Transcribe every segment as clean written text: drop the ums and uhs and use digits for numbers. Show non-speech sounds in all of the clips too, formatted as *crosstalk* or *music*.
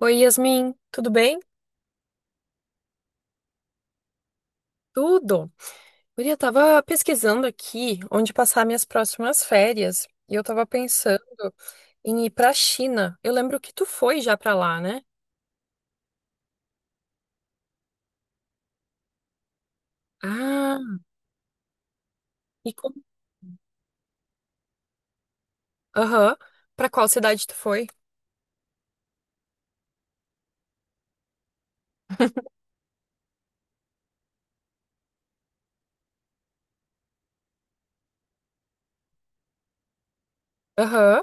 Oi, Yasmin, tudo bem? Tudo. Guria, eu tava pesquisando aqui onde passar minhas próximas férias e eu tava pensando em ir pra China. Eu lembro que tu foi já pra lá, né? Ah, e como? Aham. Pra qual cidade tu foi? Aham,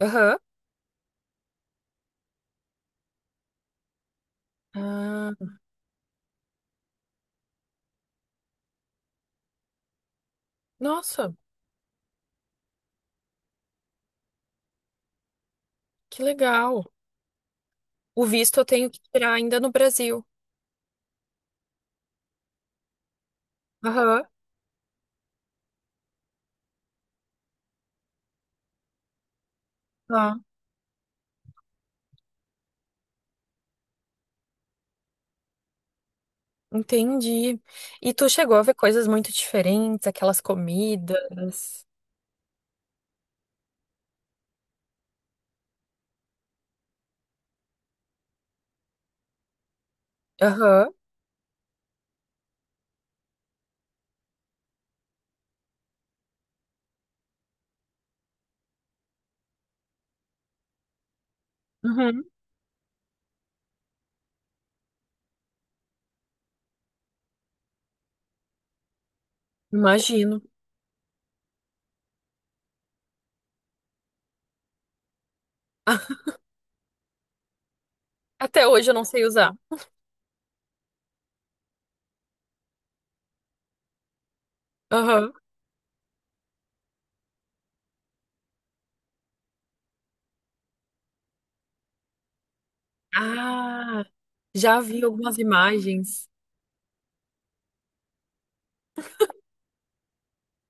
aham. Ah, nossa, que legal. O visto eu tenho que tirar ainda no Brasil. Aham, tá. Entendi. E tu chegou a ver coisas muito diferentes, aquelas comidas. Aham. Uhum. Imagino. *laughs* Até hoje eu não sei usar. Aham. Ah, já vi algumas imagens.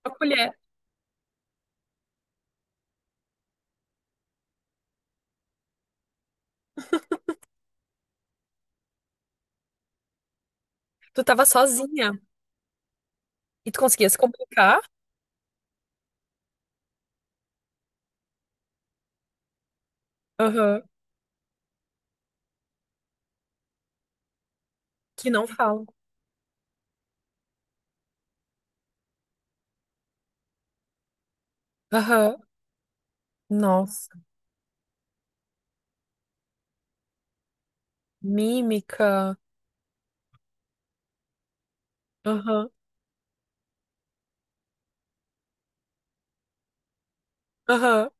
A colher. Tu tava sozinha e tu conseguia se comunicar? Aham. Que não fala. Aham. Nossa. Mímica. Aham. Aham.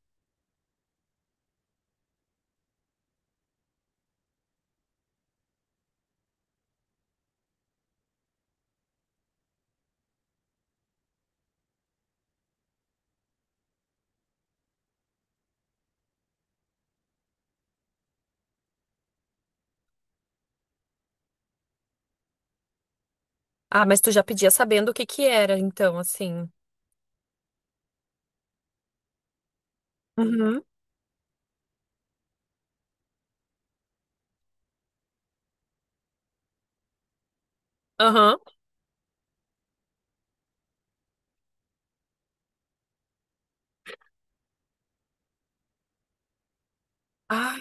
Ah, mas tu já pedia sabendo o que que era, então, assim. Uhum. Aham. Ah,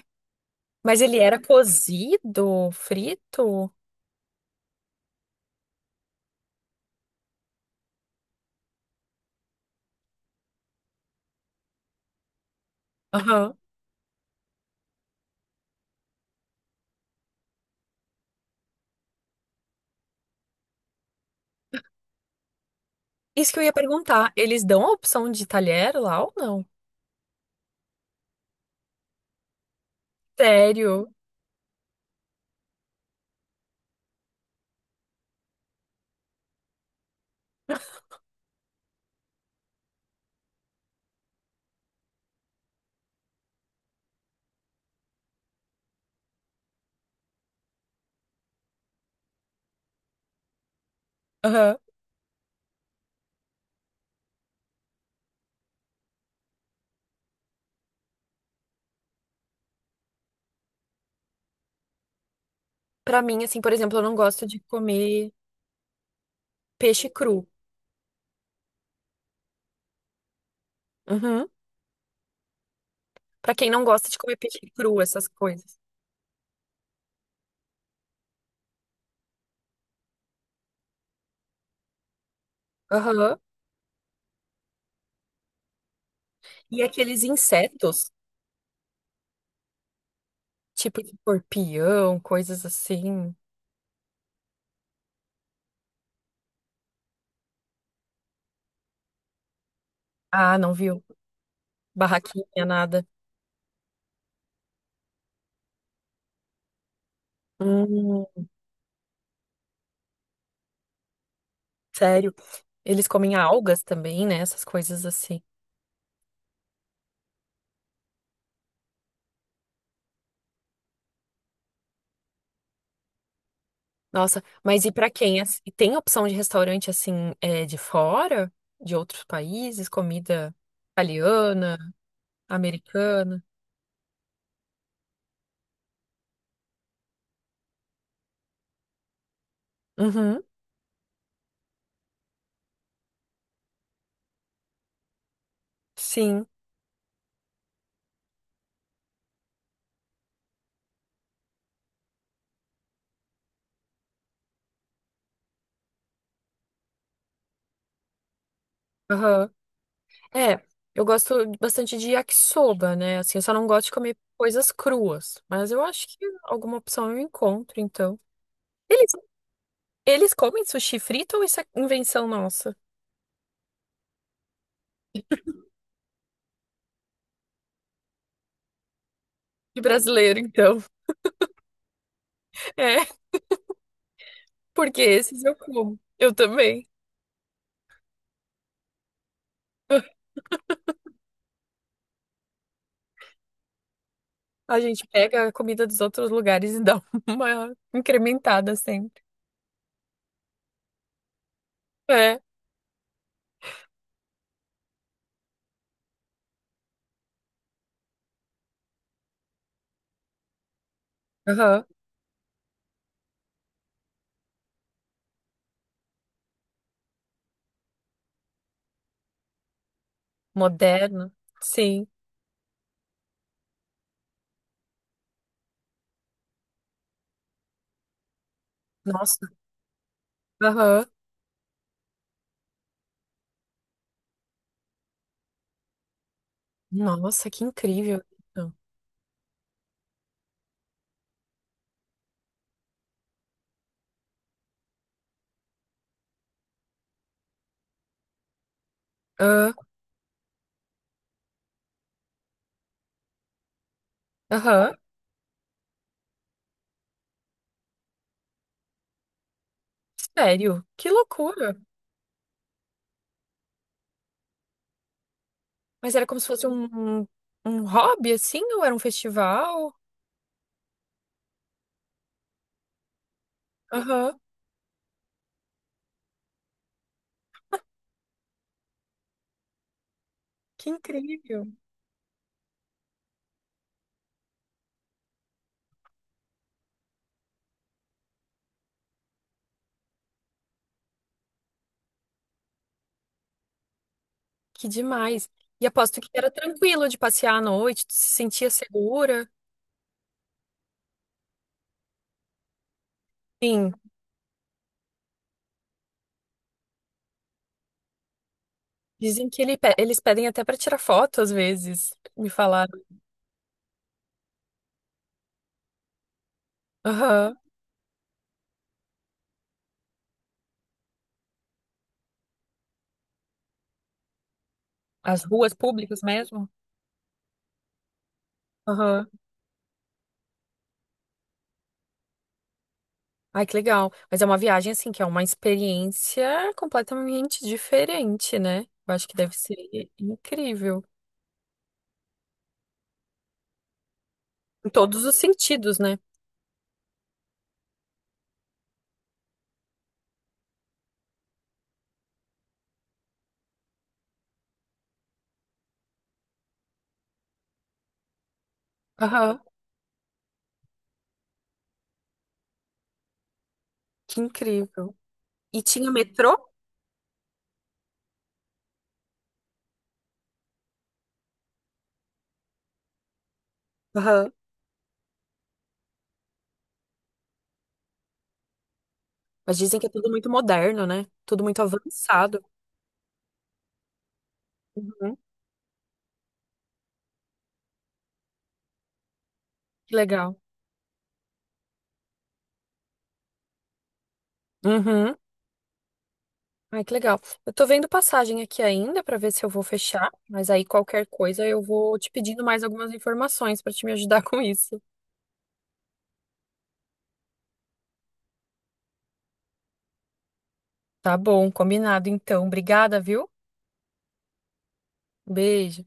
mas ele era cozido, frito? Aham. Isso que eu ia perguntar. Eles dão a opção de talher lá ou não? Sério? Pra mim, assim, por exemplo, eu não gosto de comer peixe cru. Uhum. Pra quem não gosta de comer peixe cru, essas coisas. Aham. E aqueles insetos, tipo de escorpião, coisas assim. Ah, não viu? Barraquinha, nada. Hum, sério. Eles comem algas também, né? Essas coisas assim. Nossa, mas e pra quem? E tem opção de restaurante assim, é, de fora? De outros países? Comida italiana, americana? Uhum. Sim. Aham. É, eu gosto bastante de yakisoba, né? Assim, eu só não gosto de comer coisas cruas, mas eu acho que alguma opção eu encontro, então. Eles, eles comem sushi frito ou isso é invenção nossa? De brasileiro, então. *laughs* É, porque esses eu como. Eu também. A gente pega a comida dos outros lugares e dá *laughs* uma incrementada sempre. É. Aham. Moderno. Sim. Nossa. Aham. Nossa, que incrível. Ah, aham. Sério. Que loucura. Mas era como se fosse um, um um hobby, assim, ou era um festival? Aham. Que incrível. Que demais. E aposto que era tranquilo de passear à noite, tu se sentia segura. Sim, dizem que eles pedem até para tirar foto às vezes, me falaram. Aham. As ruas públicas mesmo? Aham. Ai, que legal. Mas é uma viagem, assim, que é uma experiência completamente diferente, né? Eu acho que deve ser incrível. Em todos os sentidos, né? Aham. Que incrível. E tinha metrô? Aham. Mas dizem que é tudo muito moderno, né? Tudo muito avançado. Uhum. Que legal. Uhum. Ai, que legal. Eu tô vendo passagem aqui ainda pra ver se eu vou fechar, mas aí qualquer coisa eu vou te pedindo mais algumas informações pra te me ajudar *laughs* com isso. Tá bom, combinado então. Obrigada, viu? Beijo.